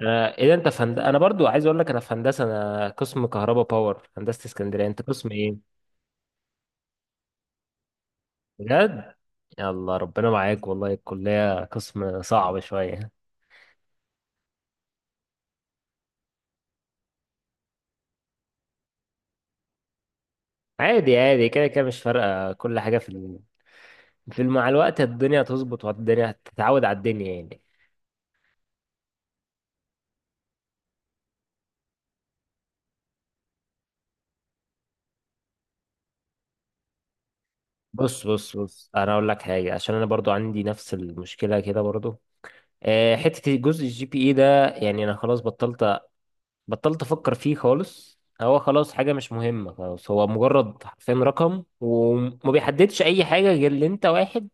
انا برضو عايز اقول لك انا في هندسه. انا قسم كهرباء باور، هندسه اسكندريه. انت قسم ايه؟ بجد؟ يلا، ربنا معاك والله، الكليه قسم صعب شويه. عادي عادي، كده كده مش فارقه، كل حاجه في مع الوقت الدنيا هتظبط، والدنيا هتتعود على الدنيا يعني. بص بص بص، انا اقول لك حاجه، عشان انا برضو عندي نفس المشكله كده برضو. حته جزء الجي بي اي ده، يعني انا خلاص بطلت افكر فيه خالص. هو خلاص حاجة مش مهمة، خلاص. هو مجرد حرفيا رقم، وما بيحددش اي حاجة، غير ان انت واحد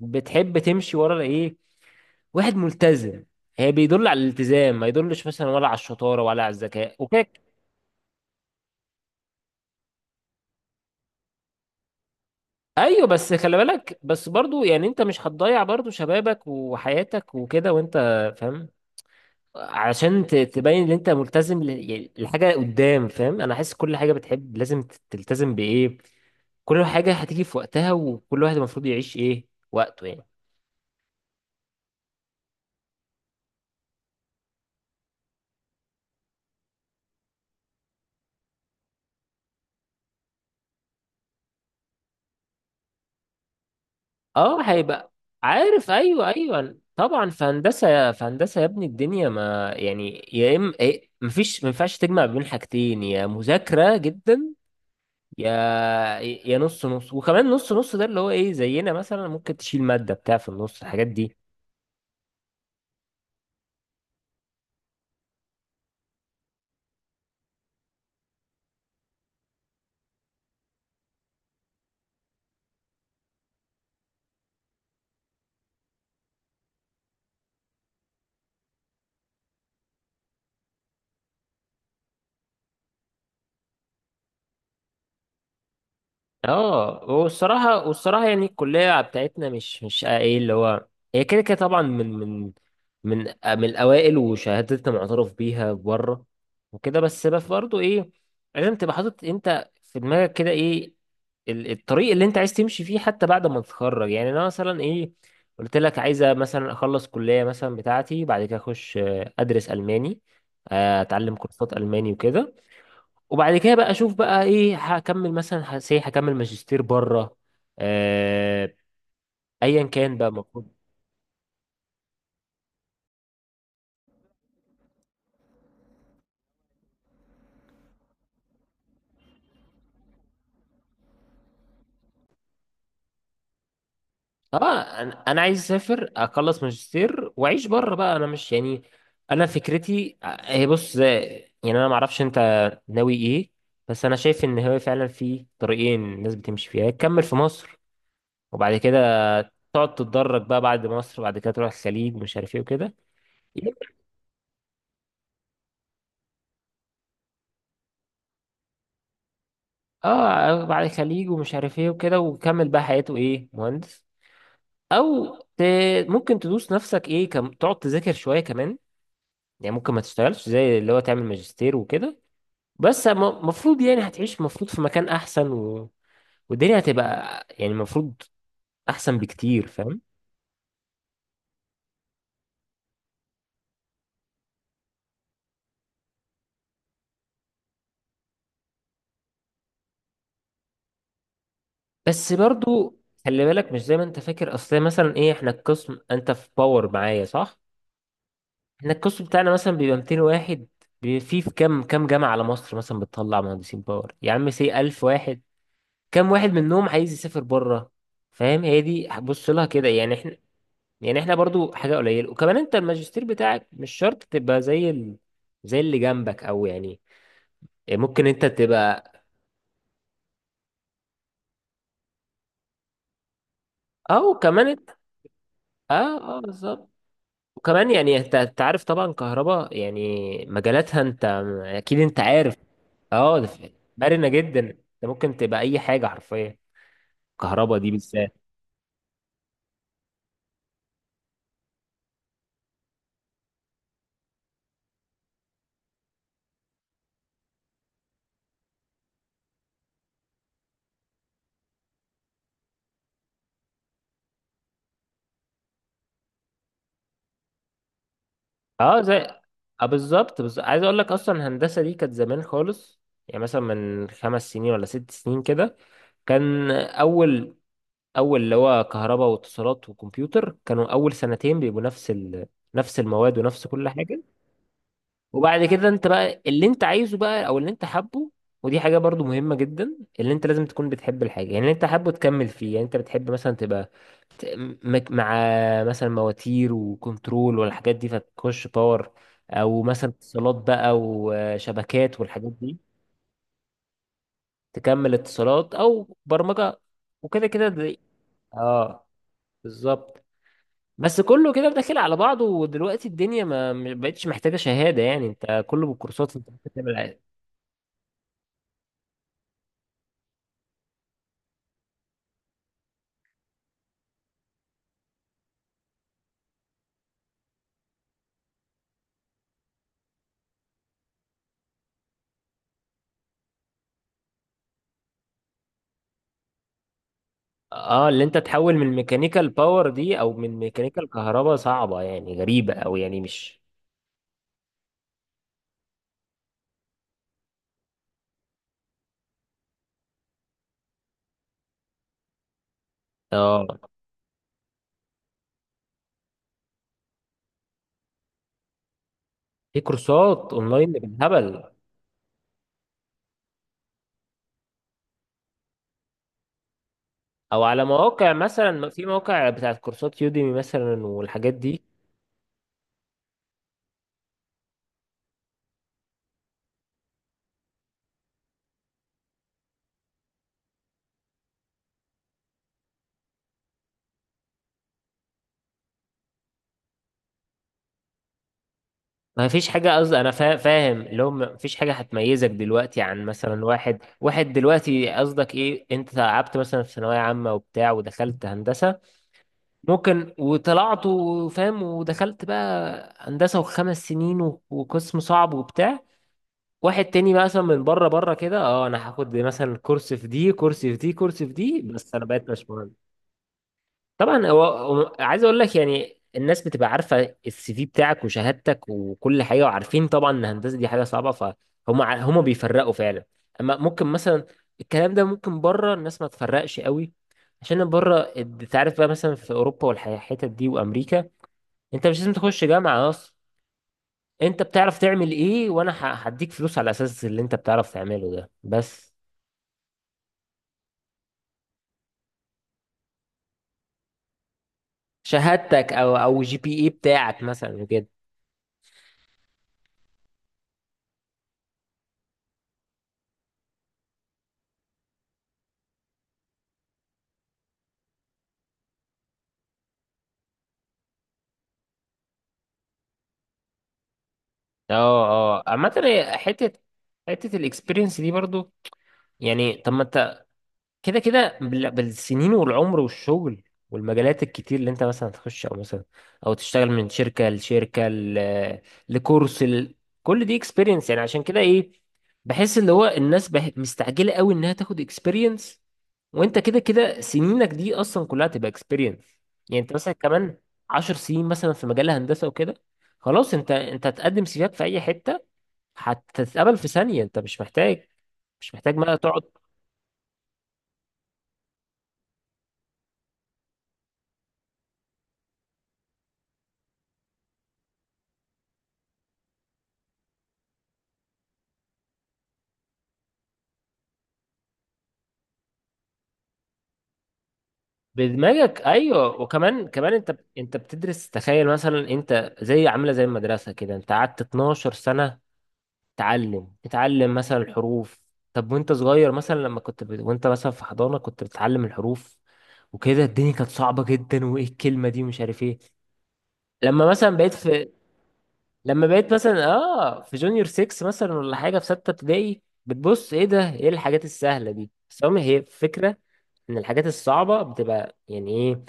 بتحب تمشي ورا ايه، واحد ملتزم. هي بيدل على الالتزام، ما يدلش مثلا ولا على الشطارة ولا على الذكاء وكده. ايوه، بس خلي بالك، بس برضو يعني، انت مش هتضيع برضو شبابك وحياتك وكده، وانت فاهم. علشان تبين ان انت ملتزم، يعني لحاجه قدام، فاهم؟ انا حاسس كل حاجه بتحب لازم تلتزم بايه. كل حاجه هتيجي في وقتها، وكل واحد المفروض يعيش ايه وقته يعني. اه، هيبقى. عارف، ايوه ايوه طبعا، في هندسه، في هندسه يا ابني، الدنيا ما يعني، يا اما إيه، مفيش، ما ينفعش تجمع بين حاجتين، يا مذاكره جدا، يا يا نص نص، وكمان نص نص، ده اللي هو ايه، زينا مثلا ممكن تشيل ماده بتاع في النص الحاجات دي. اه، والصراحه والصراحه يعني الكليه بتاعتنا مش ايه اللي هو، هي كده كده طبعا من من الاوائل، وشهادتنا معترف بيها بره وكده، بس برضه ايه، لازم تبقى حاطط انت في دماغك كده ايه الطريق اللي انت عايز تمشي فيه حتى بعد ما تتخرج. يعني انا مثلا ايه، قلت لك عايزه مثلا اخلص كليه مثلا بتاعتي، بعد كده اخش ادرس الماني، اتعلم كورسات الماني وكده، وبعد كده بقى اشوف بقى ايه، هكمل مثلا هسي هكمل ماجستير بره. آه ايا كان بقى المفروض. اه انا أنا عايز اسافر، اخلص ماجستير واعيش بره بقى، انا مش يعني، انا فكرتي هي بص زي. يعني انا ما اعرفش انت ناوي ايه. بس انا شايف ان هو فعلا في طريقين الناس بتمشي فيها، يا تكمل في مصر، وبعد كده تقعد تتدرج بقى بعد مصر، وبعد كده تروح الخليج ومش عارف ايه وكده. اه، بعد الخليج ومش عارف ايه وكده، وكمل بقى حياته ايه، مهندس. او ت... ممكن تدوس نفسك، تقعد تذاكر شويه كمان، يعني ممكن ما تشتغلش، زي اللي هو تعمل ماجستير وكده. بس المفروض يعني هتعيش المفروض في مكان احسن، والدنيا هتبقى، يعني المفروض احسن بكتير، فاهم. بس برضو خلي بالك، مش زي ما انت فاكر، اصل مثلا ايه، احنا القسم، انت في باور معايا، صح؟ احنا القسم بتاعنا مثلا بيبقى 200 واحد، في كام كام جامعه على مصر مثلا بتطلع مهندسين باور، يا عم سي 1000 واحد، كام واحد منهم عايز يسافر بره؟ فاهم، هي دي بص لها كده، يعني احنا، يعني احنا برضو حاجه قليله. وكمان انت الماجستير بتاعك مش شرط تبقى زي اللي جنبك، او يعني ممكن انت تبقى، او كمان انت. اه اه، بالظبط. وكمان يعني أنت عارف طبعا كهرباء، يعني مجالاتها انت اكيد انت عارف. اه ده، مرنه جدا، انت ممكن تبقى اي حاجه حرفيا، الكهرباء دي بالذات. اه اه بالظبط، بس عايز اقول لك، اصلا الهندسه دي كانت زمان خالص، يعني مثلا من 5 سنين ولا 6 سنين كده، كان اول اللي هو كهرباء واتصالات وكمبيوتر كانوا اول سنتين بيبقوا نفس نفس المواد ونفس كل حاجه. وبعد كده انت بقى اللي انت عايزه بقى او اللي انت حابه. ودي حاجه برضو مهمه جدا، اللي انت لازم تكون بتحب الحاجه، يعني اللي انت حابه تكمل فيه. يعني انت بتحب مثلا تبقى مع مثلا مواتير وكنترول والحاجات دي، فتخش باور. او مثلا اتصالات بقى، وشبكات والحاجات دي، تكمل اتصالات او برمجة وكده، كده دي، اه بالظبط. بس كله كده داخل على بعضه، ودلوقتي الدنيا ما بقتش محتاجة شهادة، يعني انت كله بالكورسات انت ممكن تعمل عادي. اه، اللي انت تحول من ميكانيكال باور دي او من ميكانيكال كهرباء، صعبة يعني غريبة، او يعني مش. اه، في كورسات اونلاين بالهبل، او على مواقع، مثلا في مواقع بتاعت كورسات يوديمي مثلا والحاجات دي. ما فيش حاجه، قصدي انا فاهم، اللي هو ما فيش حاجه هتميزك دلوقتي عن مثلا واحد، واحد دلوقتي، قصدك ايه، انت تعبت مثلا في ثانويه عامه وبتاع، ودخلت هندسه ممكن، وطلعت وفاهم، ودخلت بقى هندسه، وخمس سنين وقسم صعب وبتاع، واحد تاني بقى مثلا من بره، بره كده، اه انا هاخد مثلا كورس في دي كورس في دي كورس في دي، بس انا بقيت مش مهندس. طبعا، عايز اقول لك، يعني الناس بتبقى عارفه السي في بتاعك وشهادتك وكل حاجه، وعارفين طبعا ان الهندسه دي حاجه صعبه فهم، هم بيفرقوا فعلا. اما ممكن مثلا الكلام ده ممكن بره الناس ما تفرقش قوي، عشان بره انت عارف بقى مثلا في اوروبا والحتت دي وامريكا، انت مش لازم تخش جامعه اصلا، انت بتعرف تعمل ايه، وانا هديك فلوس على اساس اللي انت بتعرف تعمله ده بس، شهادتك او جي بي اي بتاعك مثلا. اه اه، عامة هي حتة حتة الاكسبيرينس دي برضو، يعني طب ما انت كده كده بالسنين والعمر والشغل، والمجالات الكتير اللي انت مثلا تخش، او مثلا تشتغل من شركة لشركة لكورس كل دي اكسبيرينس، يعني عشان كده ايه، بحس اللي هو الناس مستعجلة قوي انها تاخد اكسبيرينس، وانت كده كده سنينك دي اصلا كلها تبقى اكسبيرينس. يعني انت مثلا كمان 10 سنين مثلا في مجال الهندسة وكده، خلاص، انت هتقدم سيفك في اي حتة، هتتقبل في ثانية، انت مش محتاج، مش محتاج بقى تقعد. بدماغك، ايوه، وكمان انت بتدرس، تخيل مثلا انت زي عامله زي المدرسه كده، انت قعدت 12 سنه تتعلم مثلا الحروف. طب وانت صغير مثلا، لما كنت وانت مثلا في حضانه كنت بتتعلم الحروف وكده، الدنيا كانت صعبه جدا، وايه الكلمه دي ومش عارف ايه. لما مثلا بقيت في لما بقيت مثلا في جونيور 6 مثلا، ولا حاجه في 6 ابتدائي، بتبص ايه ده، ايه الحاجات السهله دي. بس هم، هي فكره من الحاجات الصعبة، بتبقى يعني ايه،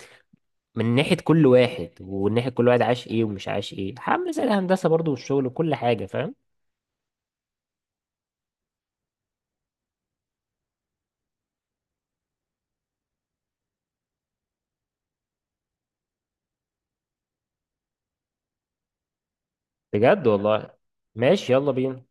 من ناحية كل واحد، وناحية كل واحد عاش ايه ومش عاش ايه، عامل زي الهندسة برضو والشغل وكل حاجة، فاهم. بجد والله. ماشي، يلا بينا.